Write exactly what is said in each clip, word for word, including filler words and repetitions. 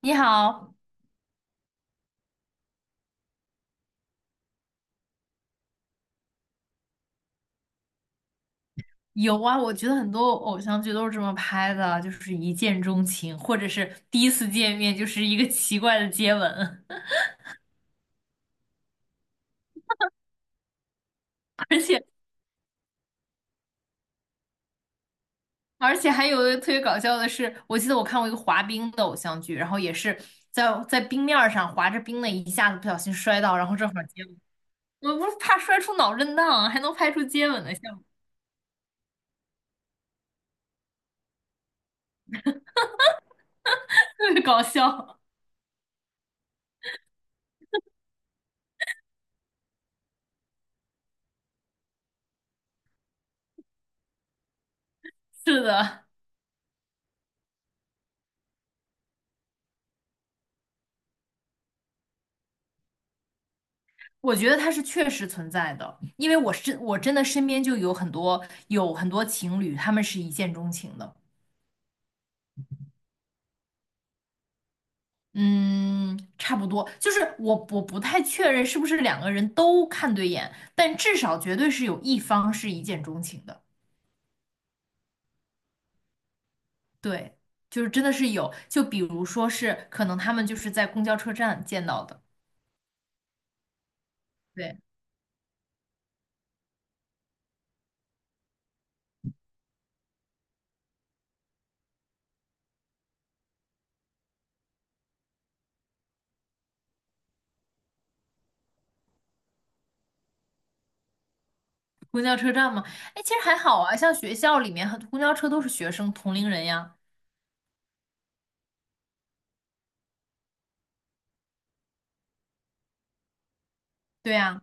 你好，有啊，我觉得很多偶像剧都是这么拍的，就是一见钟情，或者是第一次见面就是一个奇怪的接吻，而且而且还有一个特别搞笑的是，我记得我看过一个滑冰的偶像剧，然后也是在在冰面儿上滑着冰的，一下子不小心摔到，然后正好接吻，我不是怕摔出脑震荡，还能拍出接吻的效果，特别搞笑。是的，我觉得它是确实存在的，因为我身我真的身边就有很多有很多情侣，他们是一见钟情的。嗯，差不多，就是我我不太确认是不是两个人都看对眼，但至少绝对是有一方是一见钟情的。对，就是真的是有，就比如说是可能他们就是在公交车站见到的。对，公交车站嘛，哎，其实还好啊，像学校里面很公交车都是学生同龄人呀。对呀，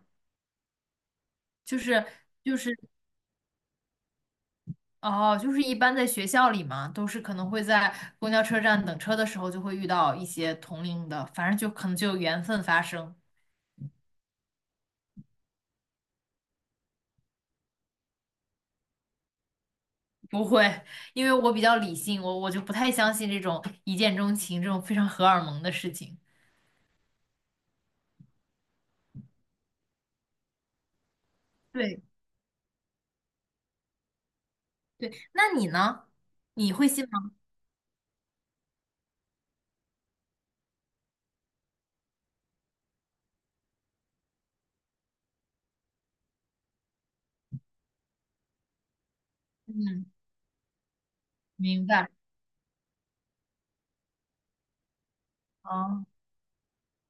就是。就是哦，就是一般在学校里嘛，都是可能会在公交车站等车的时候就会遇到一些同龄的，反正就可能就有缘分发生。不会，因为我比较理性，我我就不太相信这种一见钟情这种非常荷尔蒙的事情。对对，那你呢？你会信吗？嗯，明白。哦，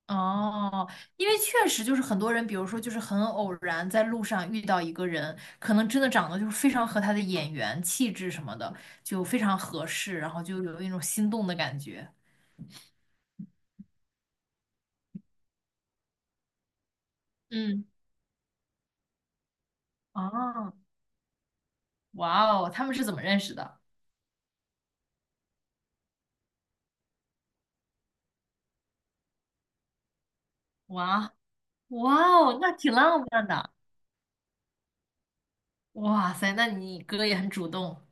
哦，因为确实就是很多人，比如说就是很偶然在路上遇到一个人，可能真的长得就是非常和他的眼缘、气质什么的就非常合适，然后就有一种心动的感觉。嗯，哦，哇哦，他们是怎么认识的？哇哇哦，那挺浪漫的。哇塞，那你哥也很主动，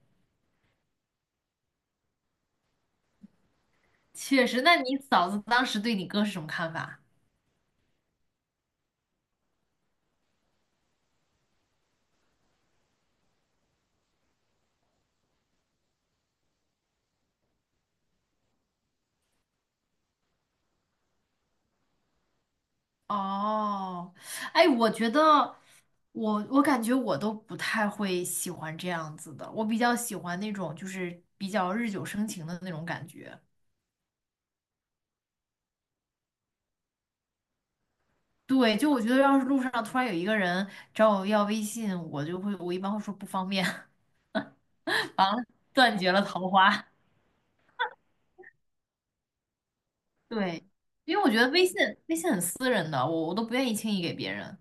确实。那你嫂子当时对你哥是什么看法？哦，哎，我觉得我我感觉我都不太会喜欢这样子的，我比较喜欢那种就是比较日久生情的那种感觉。对，就我觉得要是路上突然有一个人找我要微信，我就会我一般会说不方便，完了断绝了桃花。对，因为我觉得微信微信很私人的，我我都不愿意轻易给别人。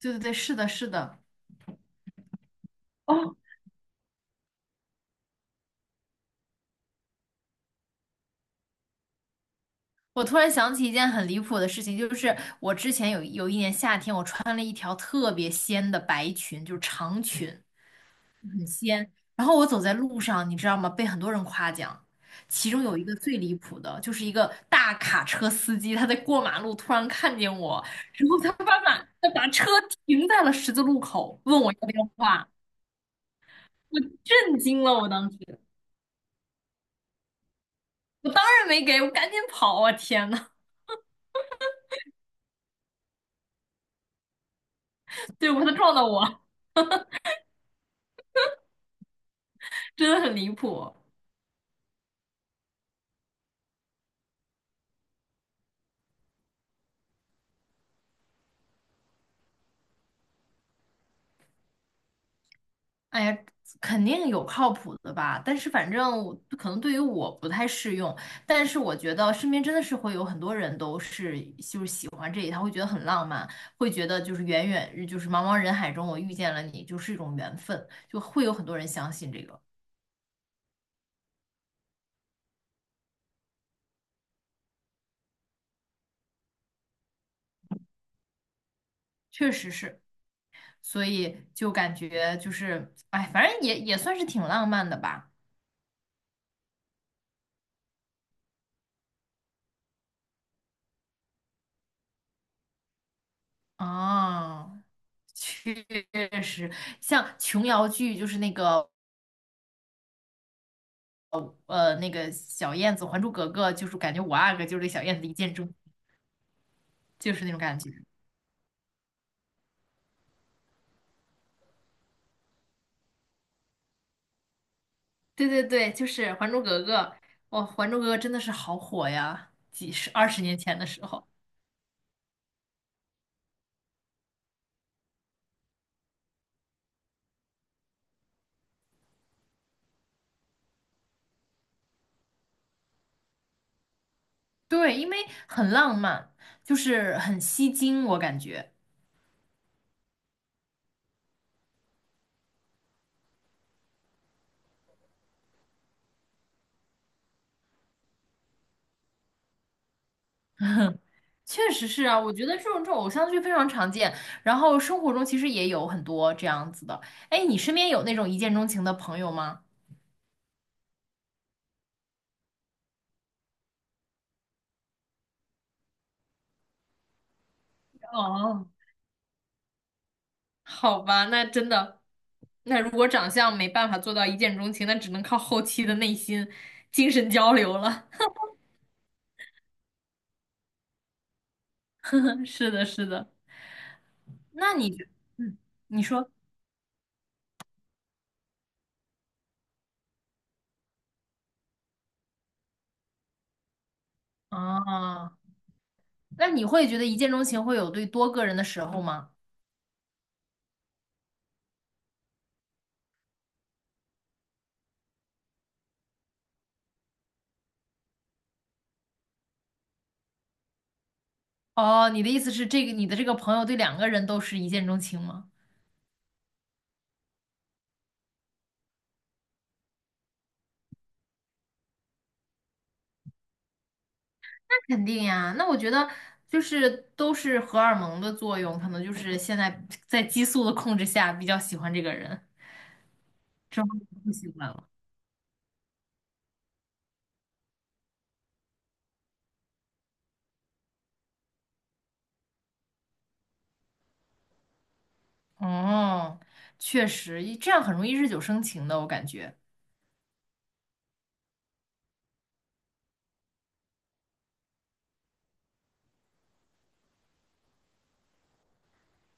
对对对，是的，是的。哦。我突然想起一件很离谱的事情，就是我之前有有一年夏天，我穿了一条特别仙的白裙，就是长裙仙，然后我走在路上，你知道吗？被很多人夸奖，其中有一个最离谱的，就是一个大卡车司机，他在过马路突然看见我，然后他把马他把车停在了十字路口，问我要电话，我震惊了，我当时，我当然没给，我赶紧跑啊！天呐，对，我怕他撞到我，真的很离谱。哎呀，肯定有靠谱的吧，但是反正我可能对于我不太适用，但是我觉得身边真的是会有很多人都是就是喜欢这一套，会觉得很浪漫，会觉得就是远远就是茫茫人海中我遇见了你就是一种缘分，就会有很多人相信这个，确实是，所以就感觉就是哎，反正也也算是挺浪漫的吧，啊。确实，像琼瑶剧，就是那个呃那个小燕子，《还珠格格》就是感觉五阿哥就是小燕子一见钟，就是那种感觉。对对对，就是《还珠格格》，哇，《还珠格格》真的是好火呀，几十二十年前的时候。对，因为很浪漫，就是很吸睛，我感觉确实是啊。我觉得这种这种偶像剧非常常见，然后生活中其实也有很多这样子的。哎，你身边有那种一见钟情的朋友吗？哦，好吧，那真的，那如果长相没办法做到一见钟情，那只能靠后期的内心精神交流了。是的，是的。那你觉，嗯，你说，啊，那你会觉得一见钟情会有对多个人的时候吗？哦，你的意思是这个，你的这个朋友对两个人都是一见钟情吗？那肯定呀，那我觉得就是都是荷尔蒙的作用，可能就是现在在激素的控制下比较喜欢这个人，之后就不喜欢了。哦，确实，一这样很容易日久生情的，我感觉。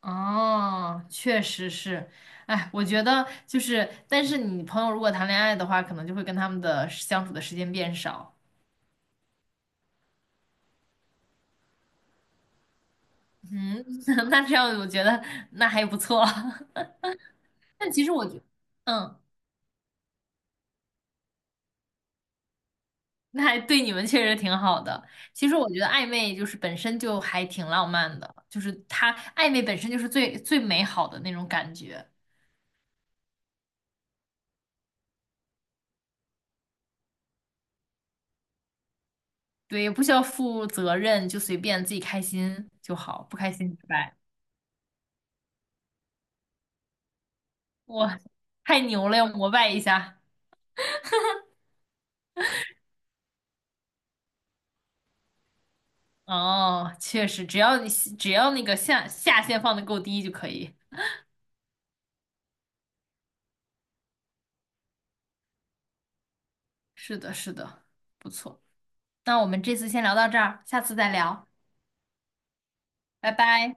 哦，确实是，哎，我觉得就是，但是你朋友如果谈恋爱的话，可能就会跟他们的时相处的时间变少。嗯，那这样我觉得那还不错。但其实我觉嗯，那还对你们确实挺好的。其实我觉得暧昧就是本身就还挺浪漫的，就是它暧昧本身就是最最美好的那种感觉。对，也不需要负责任，就随便自己开心就好，不开心拜拜。哇，太牛了，要膜拜一下。哦，确实，只要你只要那个下下限放的够低就可以。是的，是的，不错。那我们这次先聊到这儿，下次再聊，拜拜。